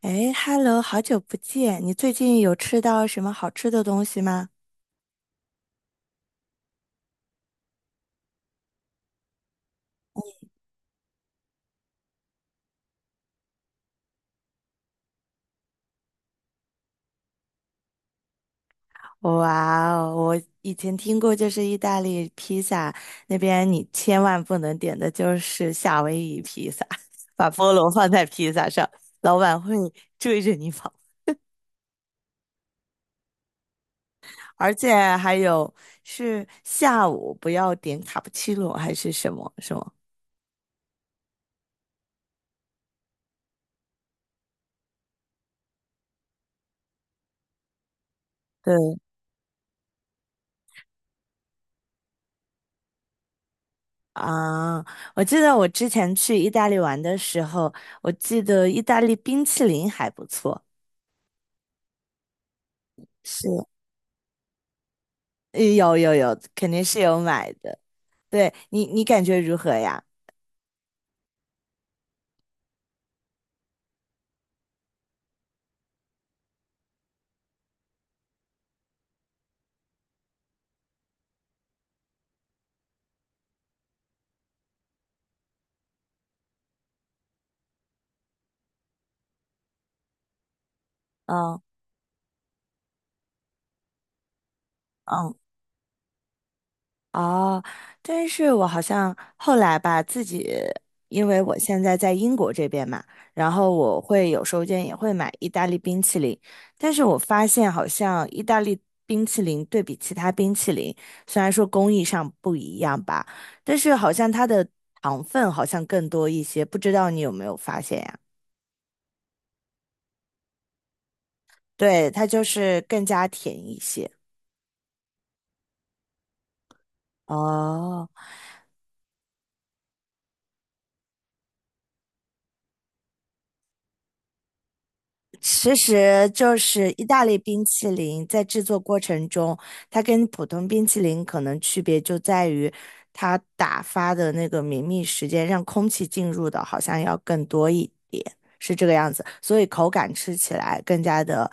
哎，Hello，好久不见！你最近有吃到什么好吃的东西吗？哇哦，我以前听过，就是意大利披萨那边你千万不能点的就是夏威夷披萨，把菠萝放在披萨上，老板会追着你跑。而且还有是下午不要点卡布奇诺还是什么什么？对啊，我记得我之前去意大利玩的时候，我记得意大利冰淇淋还不错。是，有有有，肯定是有买的。对你，你感觉如何呀？嗯嗯哦，但是我好像后来吧，自己因为我现在在英国这边嘛，然后我会有时候间也会买意大利冰淇淋，但是我发现好像意大利冰淇淋对比其他冰淇淋，虽然说工艺上不一样吧，但是好像它的糖分好像更多一些，不知道你有没有发现呀？对，它就是更加甜一些。哦，其实就是意大利冰淇淋在制作过程中，它跟普通冰淇淋可能区别就在于，它打发的那个绵密时间，让空气进入的好像要更多一点，是这个样子，所以口感吃起来更加的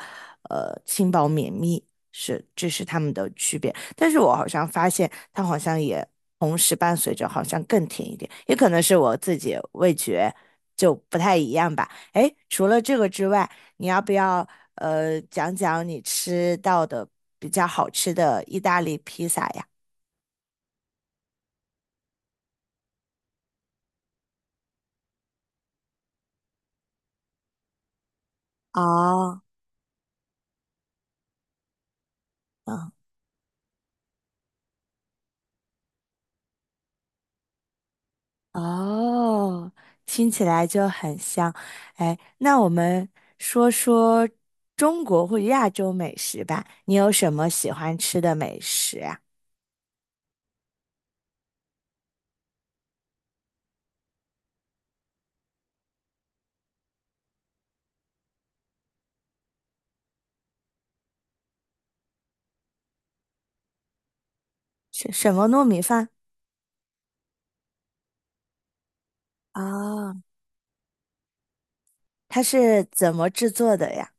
轻薄绵密，是这是它们的区别。但是我好像发现它好像也同时伴随着好像更甜一点，也可能是我自己味觉就不太一样吧。哎，诶除了这个之外。你要不要讲讲你吃到的比较好吃的意大利披萨呀？哦，嗯，哦，听起来就很香。哎，那我们说说中国或者亚洲美食吧。你有什么喜欢吃的美食呀？是什么糯米饭？哦，它是怎么制作的呀？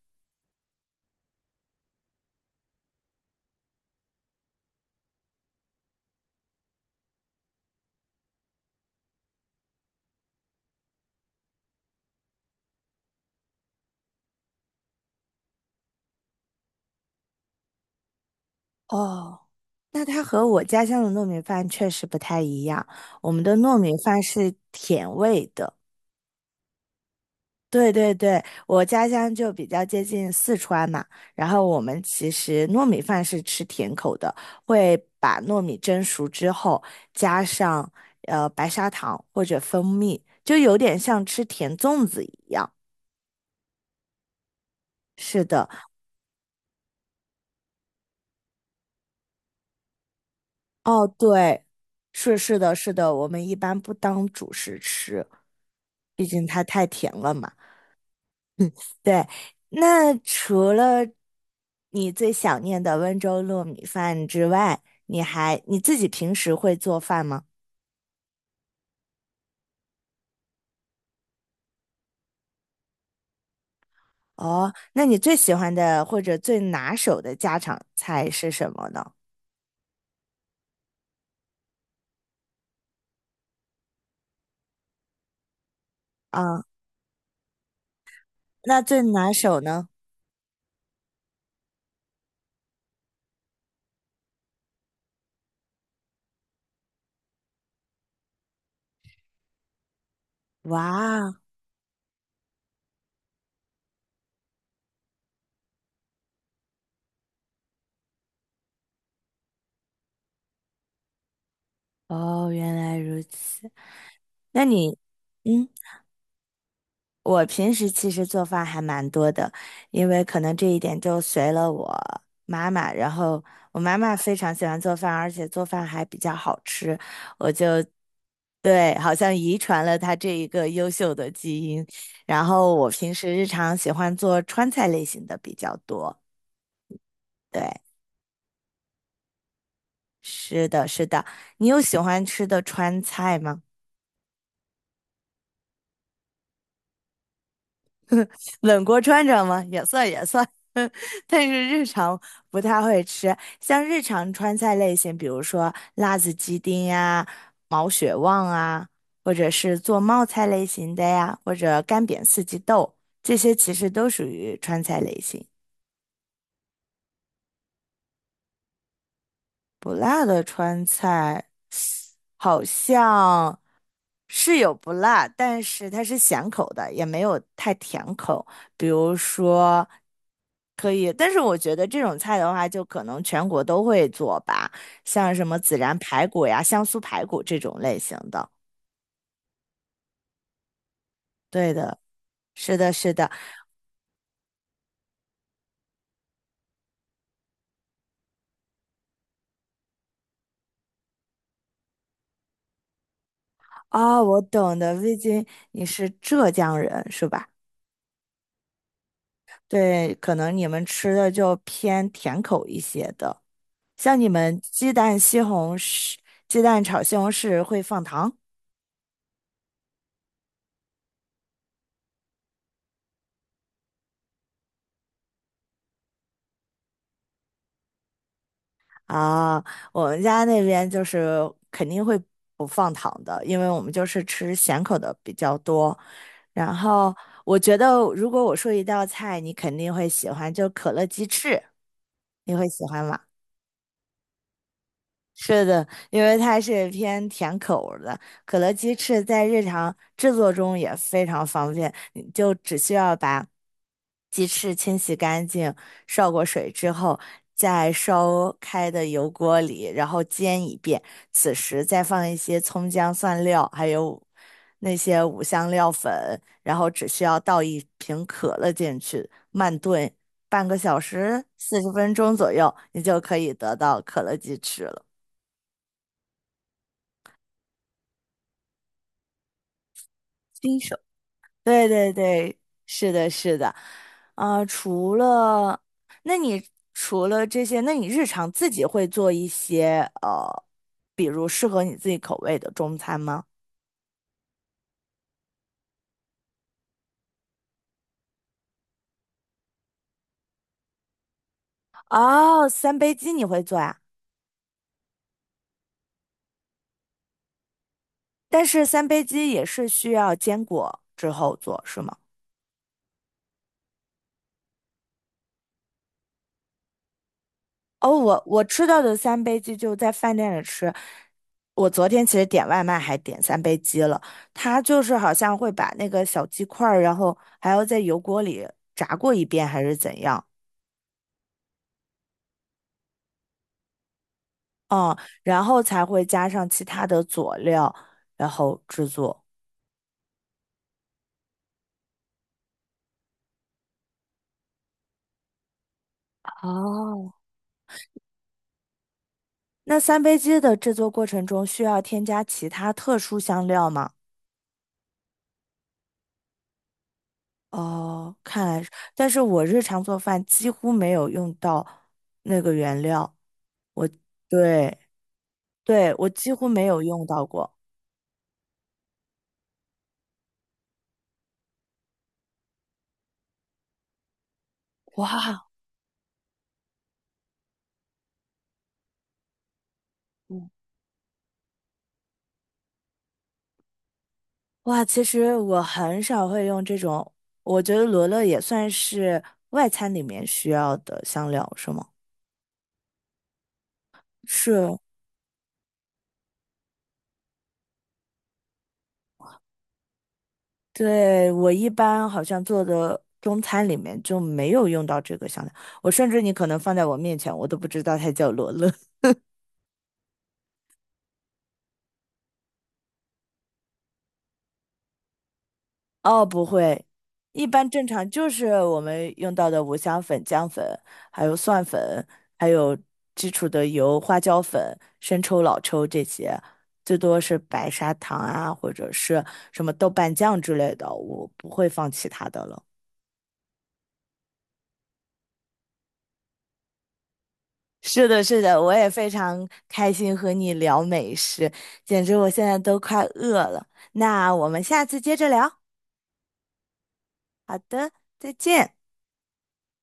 哦，那它和我家乡的糯米饭确实不太一样。我们的糯米饭是甜味的，对对对，我家乡就比较接近四川嘛，然后我们其实糯米饭是吃甜口的，会把糯米蒸熟之后加上白砂糖或者蜂蜜，就有点像吃甜粽子一样。是的，哦，对，是是的，是的，我们一般不当主食吃，毕竟它太甜了嘛。对，那除了你最想念的温州糯米饭之外，你还你自己平时会做饭吗？哦，那你最喜欢的或者最拿手的家常菜是什么呢？啊，那最拿手呢？哇，哦，原来如此。那你，嗯，我平时其实做饭还蛮多的，因为可能这一点就随了我妈妈。然后我妈妈非常喜欢做饭，而且做饭还比较好吃，我就对，好像遗传了她这一个优秀的基因。然后我平时日常喜欢做川菜类型的比较多。对，是的，是的。你有喜欢吃的川菜吗？冷锅穿着吗？也算也算，但是日常不太会吃。像日常川菜类型，比如说辣子鸡丁呀、毛血旺啊，或者是做冒菜类型的呀，或者干煸四季豆，这些其实都属于川菜类型。不辣的川菜好像是有不辣，但是它是咸口的，也没有太甜口。比如说。可以，但是我觉得这种菜的话，就可能全国都会做吧，像什么孜然排骨呀、香酥排骨这种类型的。对的，是的，是的。啊，我懂的，魏军，你是浙江人是吧？对，可能你们吃的就偏甜口一些的，像你们鸡蛋西红柿、鸡蛋炒西红柿会放糖。啊，我们家那边就是肯定会不放糖的，因为我们就是吃咸口的比较多。然后我觉得，如果我说一道菜，你肯定会喜欢，就可乐鸡翅，你会喜欢吗？是的，因为它是偏甜口儿的，可乐鸡翅在日常制作中也非常方便，你就只需要把鸡翅清洗干净，烧过水之后，在烧开的油锅里，然后煎一遍，此时再放一些葱姜蒜料，还有那些五香料粉，然后只需要倒一瓶可乐进去，慢炖半个小时，40分钟左右，你就可以得到可乐鸡翅了。新手，对对对，是的，是的，啊、除了，那你除了这些，那你日常自己会做一些，比如适合你自己口味的中餐吗？哦，三杯鸡你会做呀？但是三杯鸡也是需要坚果之后做，是吗？哦，我我吃到的三杯鸡就在饭店里吃。我昨天其实点外卖还点三杯鸡了，它就是好像会把那个小鸡块儿，然后还要在油锅里炸过一遍还是怎样，嗯，然后才会加上其他的佐料，然后制作。哦，那三杯鸡的制作过程中需要添加其他特殊香料吗？哦，看来是，但是我日常做饭几乎没有用到那个原料。对。对，我几乎没有用到过。哇嗯哇，其实我很少会用这种，我觉得罗勒也算是外餐里面需要的香料，是吗？是，对，我一般好像做的中餐里面就没有用到这个香料，我甚至你可能放在我面前，我都不知道它叫罗勒。哦，不会，一般正常就是我们用到的五香粉、姜粉，还有蒜粉，还有基础的油、花椒粉、生抽、老抽这些，最多是白砂糖啊，或者是什么豆瓣酱之类的，我不会放其他的了。是的，是的，我也非常开心和你聊美食，简直我现在都快饿了。那我们下次接着聊。好的，再见。